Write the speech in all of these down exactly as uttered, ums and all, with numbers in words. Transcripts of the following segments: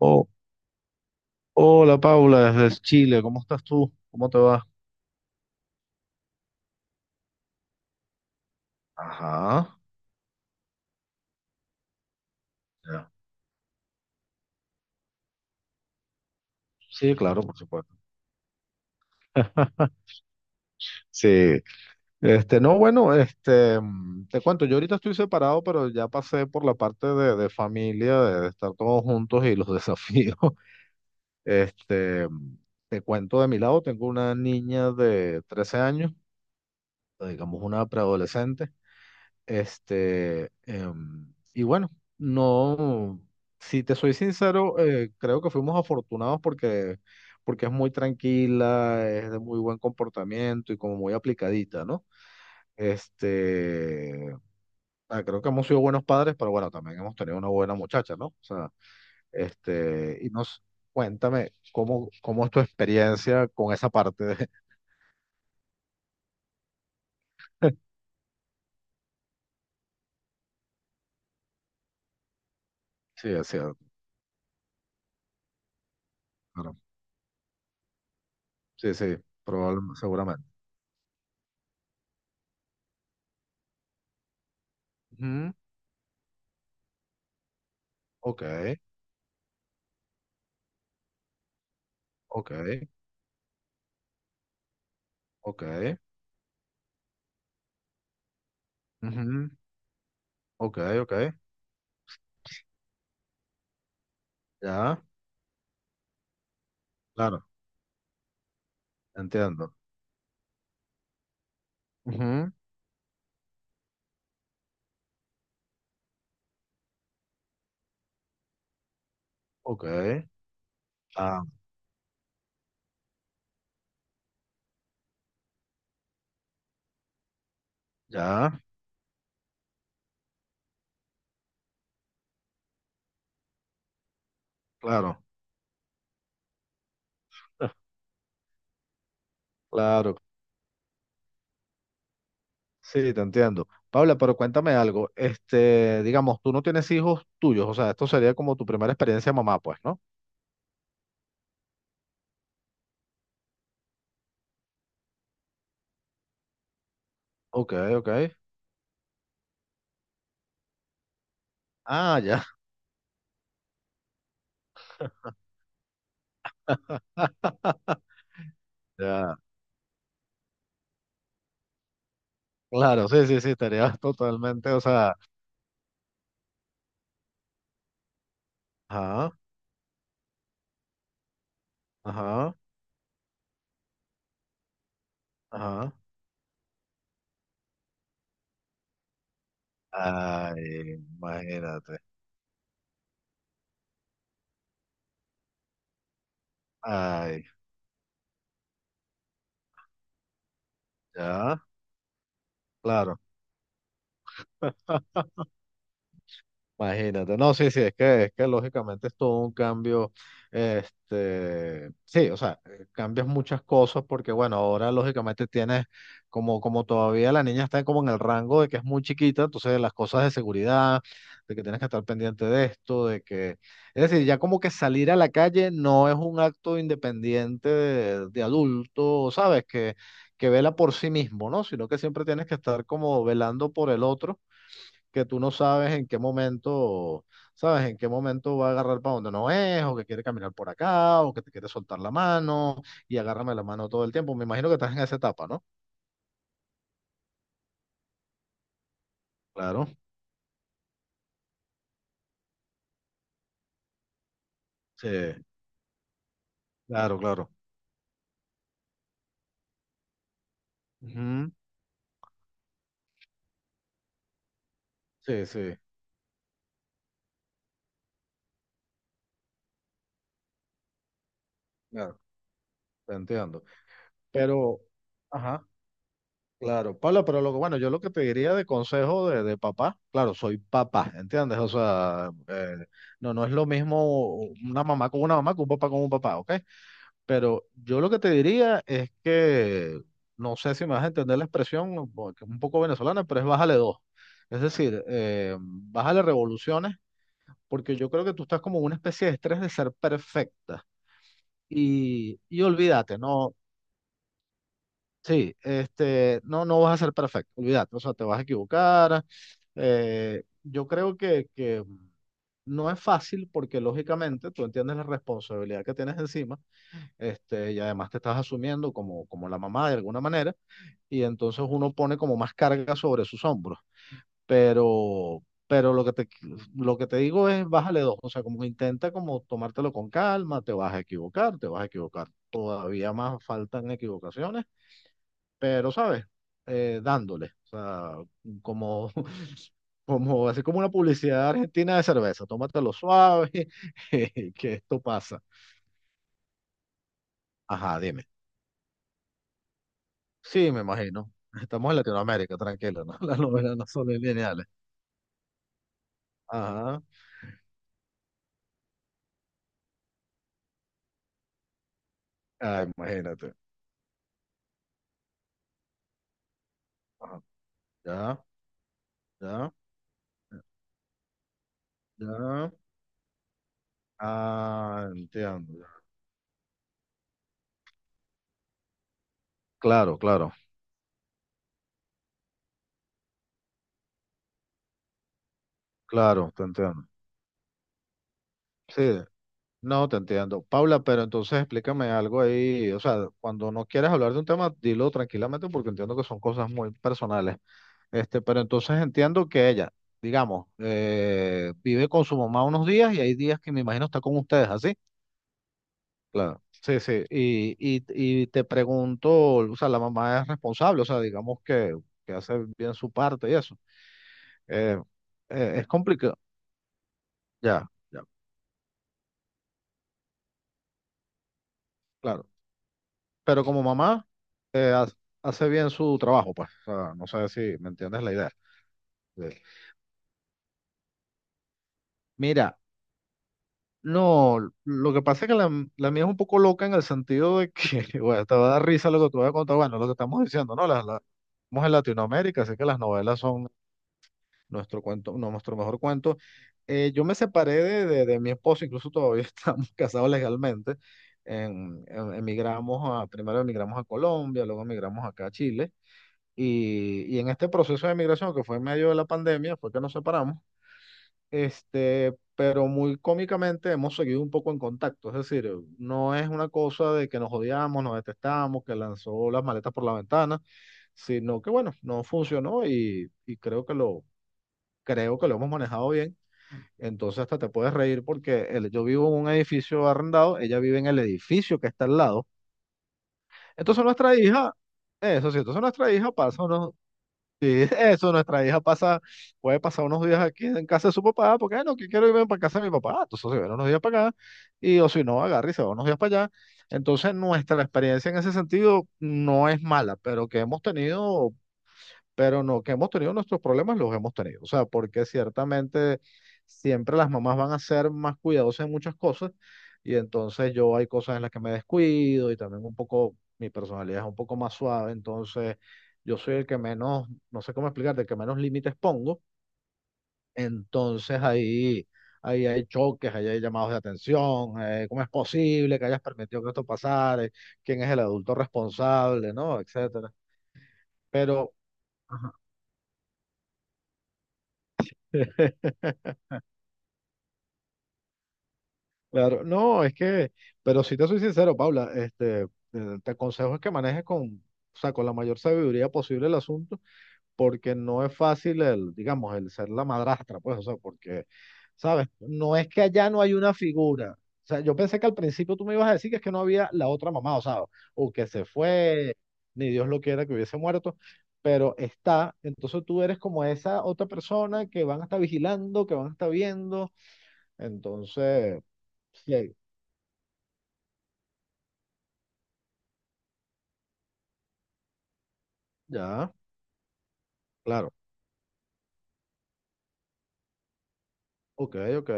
Oh, hola Paula, desde Chile, ¿cómo estás tú? ¿Cómo te va? Ajá, ya. Sí, claro, por supuesto. Sí, este, no, bueno, este, mm, te cuento, yo ahorita estoy separado, pero ya pasé por la parte de, de familia, de, de estar todos juntos y los desafíos. Este, mm, te cuento de mi lado, tengo una niña de trece años, digamos una preadolescente. Este, em, y bueno, no, si te soy sincero, eh, creo que fuimos afortunados porque, porque es muy tranquila, es de muy buen comportamiento y como muy aplicadita, ¿no? Este, ah, creo que hemos sido buenos padres, pero bueno, también hemos tenido una buena muchacha, ¿no? O sea, este, y nos, cuéntame, ¿cómo, cómo es tu experiencia con esa parte de... Sí, es cierto, claro. Sí, sí, probablemente, seguramente. Ujú, ok. Ok, ok, ujú, ok, ok, ya, claro, entiendo. Ujú, ok, ah, ya, claro, claro, sí, te entiendo. Paula, pero cuéntame algo, este, digamos, tú no tienes hijos tuyos, o sea, esto sería como tu primera experiencia mamá, pues, ¿no? Ok, ok, ah, ya, ya, claro, sí, sí, sí, estaría totalmente, o sea, ajá, ajá, ajá, ay, imagínate, ay, ya, claro. Imagínate, no, sí, sí, es que, es que lógicamente es todo un cambio, este, sí, o sea, eh, cambias muchas cosas porque, bueno, ahora lógicamente tienes, como, como todavía la niña está como en el rango de que es muy chiquita, entonces las cosas de seguridad, de que tienes que estar pendiente de esto, de que, es decir, ya como que salir a la calle no es un acto independiente de, de adulto, ¿sabes? Que, que vela por sí mismo, ¿no? Sino que siempre tienes que estar como velando por el otro que tú no sabes en qué momento, sabes en qué momento va a agarrar para donde no es, o que quiere caminar por acá, o que te quiere soltar la mano y agárrame la mano todo el tiempo. Me imagino que estás en esa etapa, ¿no? Claro, sí, claro, claro. Ujú, sí, sí, claro, te entiendo. Pero, ajá, claro, Pablo, pero lo que, bueno, yo lo que te diría de consejo de, de papá, claro, soy papá, ¿entiendes? O sea, eh, no, no es lo mismo una mamá con una mamá que un papá con un papá, ¿ok? Pero yo lo que te diría es que, no sé si me vas a entender la expresión, porque es un poco venezolana, pero es bájale dos. Es decir, eh, bájale revoluciones, porque yo creo que tú estás como en una especie de estrés de ser perfecta. Y, y olvídate, no, sí, este, no, no vas a ser perfecto, olvídate, o sea, te vas a equivocar. eh, yo creo que, que no es fácil porque lógicamente tú entiendes la responsabilidad que tienes encima este, y además te estás asumiendo como, como la mamá de alguna manera, y entonces uno pone como más carga sobre sus hombros. Pero, pero lo que te, lo que te digo es bájale dos, o sea, como que intenta como tomártelo con calma, te vas a equivocar, te vas a equivocar, todavía más faltan equivocaciones, pero sabes, eh, dándole, o sea, como... Como, así como una publicidad argentina de cerveza, tómatelo suave, que esto pasa. Ajá, dime. Sí, me imagino. Estamos en Latinoamérica, tranquilo, ¿no? Las novelas no son lineales. Ajá. Ah, imagínate. Ajá. Ya, ya, ya. Ah, entiendo. Ya. Claro, claro, claro, te entiendo. Sí, no, te entiendo. Paula, pero entonces explícame algo ahí. O sea, cuando no quieres hablar de un tema, dilo tranquilamente porque entiendo que son cosas muy personales. Este, pero entonces entiendo que ella, digamos, eh, vive con su mamá unos días y hay días que me imagino está con ustedes, ¿así? Claro, sí, sí. Y, y, y te pregunto, o sea, la mamá es responsable, o sea, digamos que, que hace bien su parte y eso. Eh, eh, es complicado, ya, ya, claro. Pero como mamá, eh, ha- hace bien su trabajo, pues. O sea, no sé si me entiendes la idea. Sí. Mira, no, lo que pasa es que la, la mía es un poco loca en el sentido de que, bueno, te va a dar risa lo que te voy a contar, bueno, lo que estamos diciendo, ¿no? Las, las, estamos en Latinoamérica, así que las novelas son nuestro cuento, no, nuestro mejor cuento. Eh, yo me separé de, de, de mi esposo, incluso todavía estamos casados legalmente. En- en- emigramos a, primero emigramos a Colombia, luego emigramos acá a Chile. Y, y en este proceso de emigración, que fue en medio de la pandemia, fue que nos separamos. Este, pero muy cómicamente hemos seguido un poco en contacto. Es decir, no es una cosa de que nos odiamos, nos detestamos, que lanzó las maletas por la ventana, sino que bueno, no funcionó y, y creo que lo, creo que lo hemos manejado bien. Entonces hasta te puedes reír porque el- yo vivo en un edificio arrendado, ella vive en el edificio que está al lado. Entonces nuestra hija, eso sí, entonces nuestra hija pasa unos, sí, eso, nuestra hija pasa, puede pasar unos días aquí en casa de su papá, porque "Ah, no, que quiero irme para casa de mi papá. Ah, entonces se viene unos días para acá y o si no, agarra y se va unos días para allá. Entonces nuestra experiencia en ese sentido no es mala, pero que hemos tenido pero no, que hemos tenido nuestros problemas, los hemos tenido. O sea, porque ciertamente siempre las mamás van a ser más cuidadosas en muchas cosas y entonces yo hay cosas en las que me descuido y también un poco, mi personalidad es un poco más suave, entonces yo soy el que menos, no sé cómo explicarte, el que menos límites pongo, entonces ahí... Ahí hay choques, ahí hay llamados de atención, eh, cómo es posible que hayas permitido que esto pasara, Eh, quién es el adulto responsable, ¿no? Etcétera. Pero, ajá. Claro, no, es que, pero si te soy sincero, Paula, este, eh, te aconsejo es que manejes con, o sea, con la mayor sabiduría posible el asunto, porque no es fácil el, digamos, el ser la madrastra, pues, o sea, porque, ¿sabes? No es que allá no hay una figura. O sea, yo pensé que al principio tú me ibas a decir que es que no había la otra mamá, o sea, o que se fue, ni Dios lo quiera que hubiese muerto, pero está, entonces tú eres como esa otra persona que van a estar vigilando, que van a estar viendo, entonces... Sí, ya, claro. Ok, ok.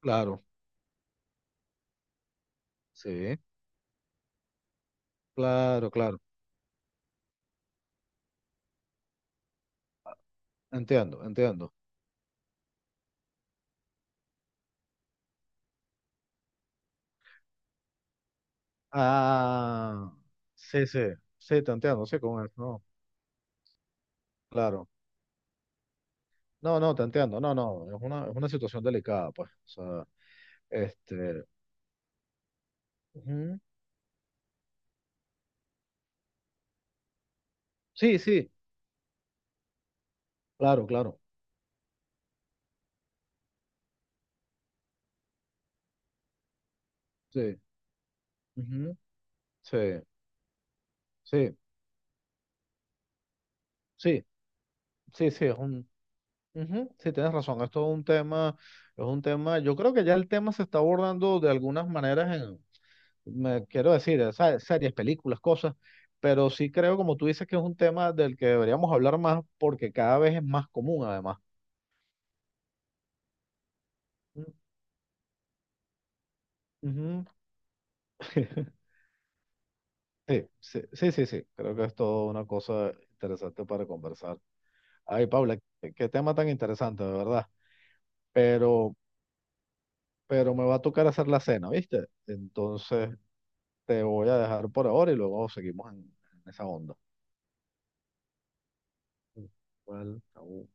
Claro, sí. Claro, claro. Entiendo, entiendo. Ah, sí, sí. Sí, te entiendo, sí, con eso. No, claro. No, no, te entiendo. No, no. Es una, es una situación delicada, pues. O sea, este. Ujú. Sí, sí. Claro, claro. Sí. Ujú, sí, sí, sí. Sí, sí, es un. Ujú, sí, tienes razón. Esto es un tema. Es un tema. Yo creo que ya el tema se está abordando de algunas maneras me quiero decir, eh, sa- series, películas, cosas, pero sí creo, como tú dices, que es un tema del que deberíamos hablar más porque cada vez es más común, además. Mm, ujú. Sí, sí, sí, sí, sí, creo que es toda una cosa interesante para conversar. Ay, Paula, qué, qué tema tan interesante, de verdad. Pero, pero me va a tocar hacer la cena, ¿viste? Entonces te voy a dejar por ahora y luego seguimos en, en esa onda. Igual, chao.